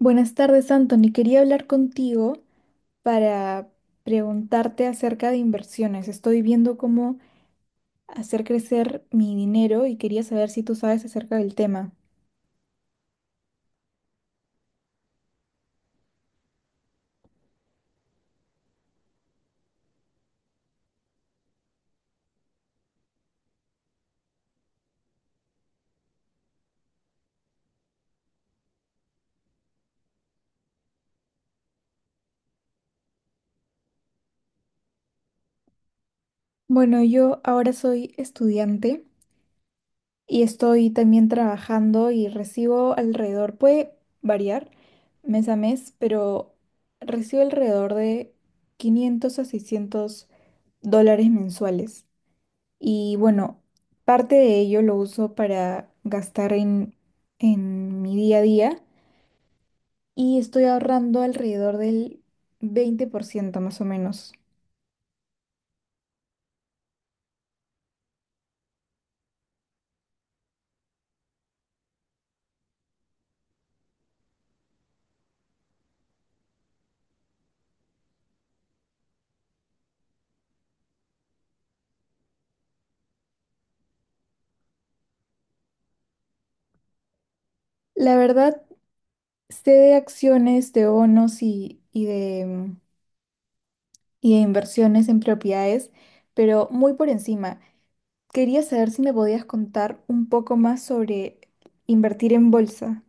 Buenas tardes, Anthony. Quería hablar contigo para preguntarte acerca de inversiones. Estoy viendo cómo hacer crecer mi dinero y quería saber si tú sabes acerca del tema. Bueno, yo ahora soy estudiante y estoy también trabajando y recibo alrededor, puede variar mes a mes, pero recibo alrededor de $500 a $600 mensuales. Y bueno, parte de ello lo uso para gastar en mi día a día y estoy ahorrando alrededor del 20% más o menos. La verdad, sé de acciones, de bonos y de y de inversiones en propiedades, pero muy por encima. Quería saber si me podías contar un poco más sobre invertir en bolsa.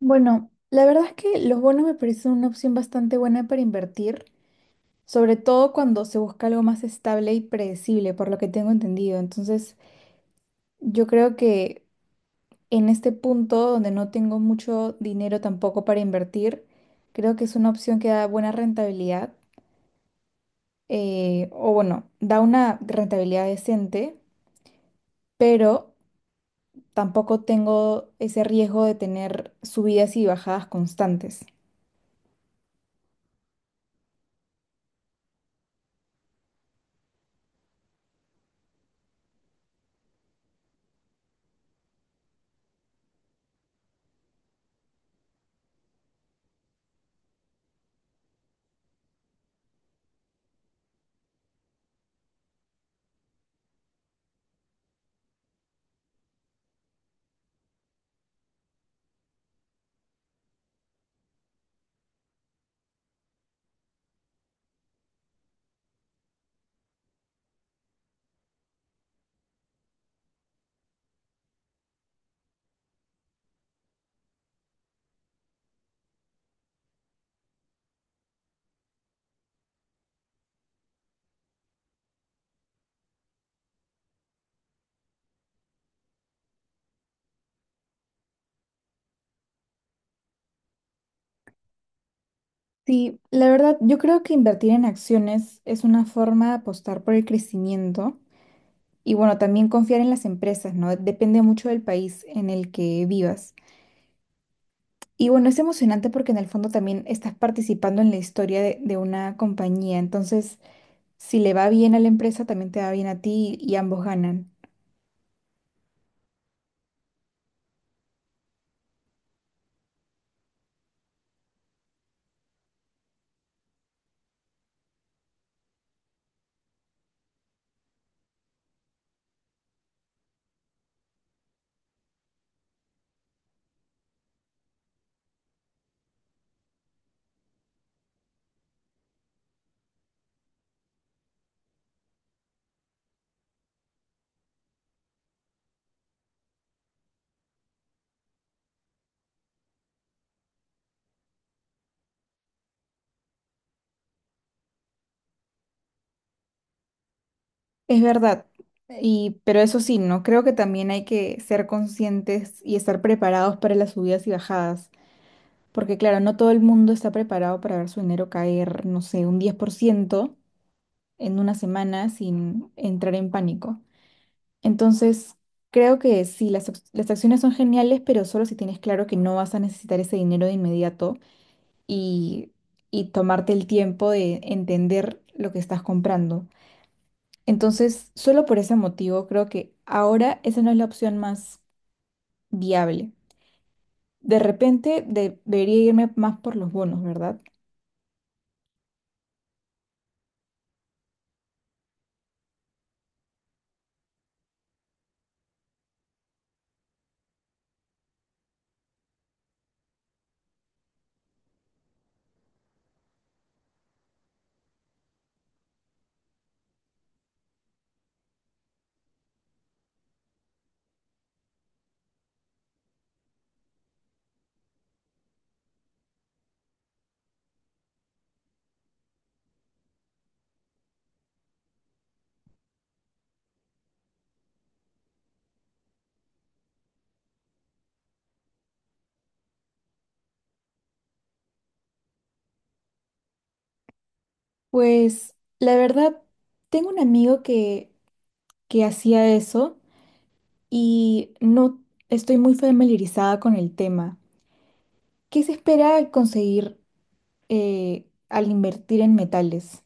Bueno, la verdad es que los bonos me parecen una opción bastante buena para invertir, sobre todo cuando se busca algo más estable y predecible, por lo que tengo entendido. Entonces, yo creo que en este punto donde no tengo mucho dinero tampoco para invertir, creo que es una opción que da buena rentabilidad, o bueno, da una rentabilidad decente, pero tampoco tengo ese riesgo de tener subidas y bajadas constantes. Sí, la verdad, yo creo que invertir en acciones es una forma de apostar por el crecimiento. Y bueno, también confiar en las empresas, ¿no? Depende mucho del país en el que vivas. Y bueno, es emocionante porque en el fondo también estás participando en la historia de una compañía. Entonces, si le va bien a la empresa, también te va bien a ti y ambos ganan. Es verdad. Y, pero eso sí, ¿no? Creo que también hay que ser conscientes y estar preparados para las subidas y bajadas. Porque claro, no todo el mundo está preparado para ver su dinero caer, no sé, un 10% en una semana sin entrar en pánico. Entonces, creo que sí, las acciones son geniales, pero solo si tienes claro que no vas a necesitar ese dinero de inmediato y, y tomarte el tiempo de entender lo que estás comprando. Entonces, solo por ese motivo, creo que ahora esa no es la opción más viable. De repente, debería irme más por los bonos, ¿verdad? Pues, la verdad, tengo un amigo que hacía eso y no estoy muy familiarizada con el tema. ¿Qué se espera conseguir al invertir en metales?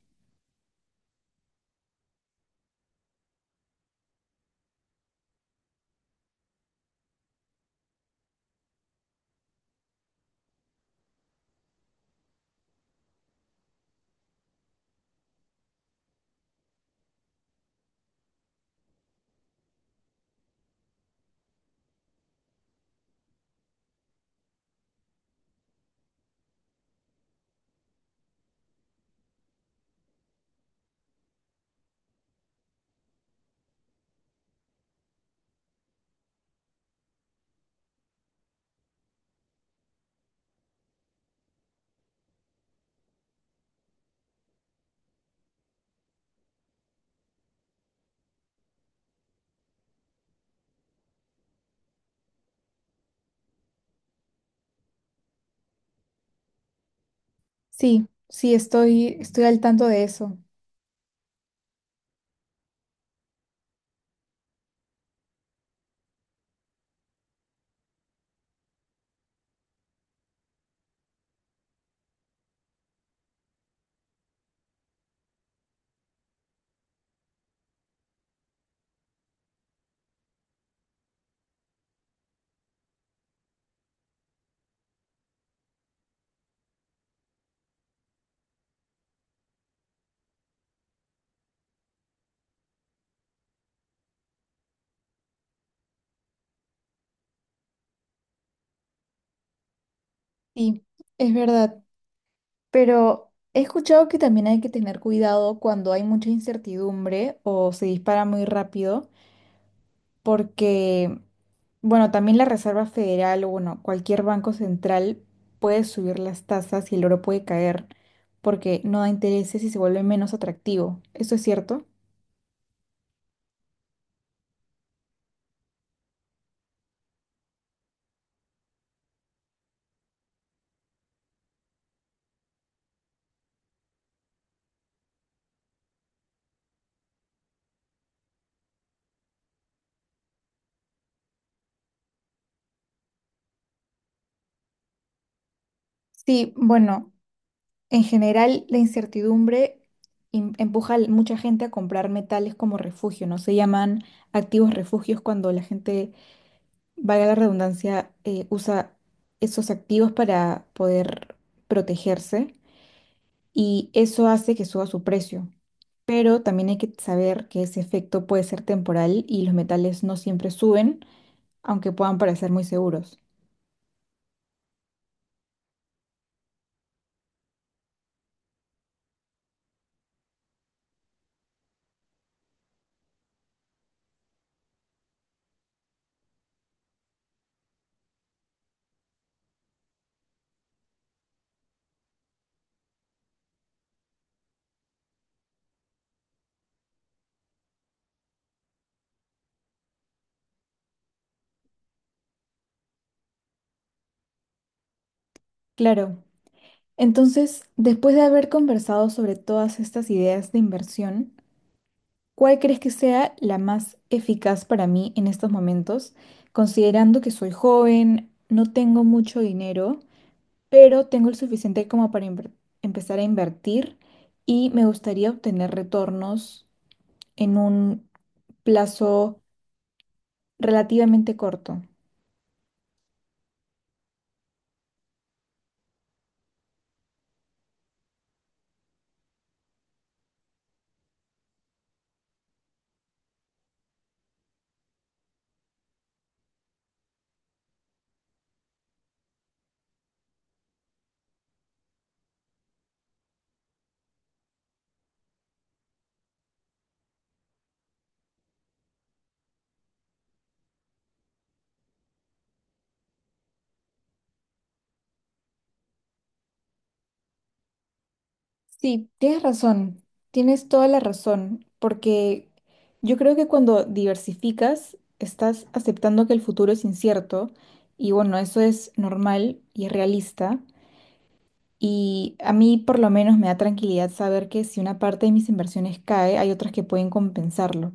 Sí, sí, estoy al tanto de eso. Sí, es verdad. Pero he escuchado que también hay que tener cuidado cuando hay mucha incertidumbre o se dispara muy rápido, porque, bueno, también la Reserva Federal o, bueno, cualquier banco central puede subir las tasas y el oro puede caer, porque no da intereses y se vuelve menos atractivo. ¿Eso es cierto? Sí, bueno. En general, la incertidumbre empuja a mucha gente a comprar metales como refugio, ¿no? Se llaman activos refugios cuando la gente, valga la redundancia, usa esos activos para poder protegerse y eso hace que suba su precio. Pero también hay que saber que ese efecto puede ser temporal y los metales no siempre suben, aunque puedan parecer muy seguros. Claro. Entonces, después de haber conversado sobre todas estas ideas de inversión, ¿cuál crees que sea la más eficaz para mí en estos momentos, considerando que soy joven, no tengo mucho dinero, pero tengo el suficiente como para empezar a invertir y me gustaría obtener retornos en un plazo relativamente corto? Sí, tienes razón, tienes toda la razón, porque yo creo que cuando diversificas, estás aceptando que el futuro es incierto y bueno, eso es normal y es realista. Y a mí por lo menos me da tranquilidad saber que si una parte de mis inversiones cae, hay otras que pueden compensarlo.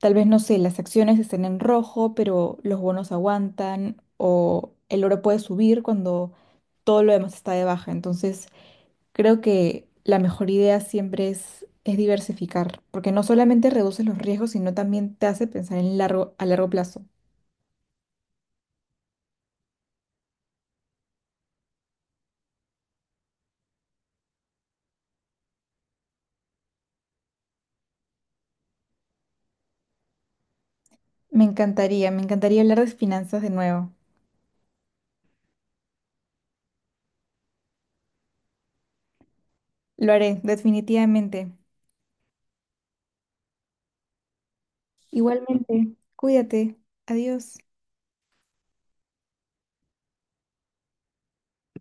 Tal vez, no sé, las acciones estén en rojo, pero los bonos aguantan o el oro puede subir cuando todo lo demás está de baja. Entonces, creo que la mejor idea siempre es diversificar, porque no solamente reduces los riesgos, sino también te hace pensar en largo, a largo plazo. Me encantaría hablar de finanzas de nuevo. Lo haré, definitivamente. Igualmente, cuídate. Adiós.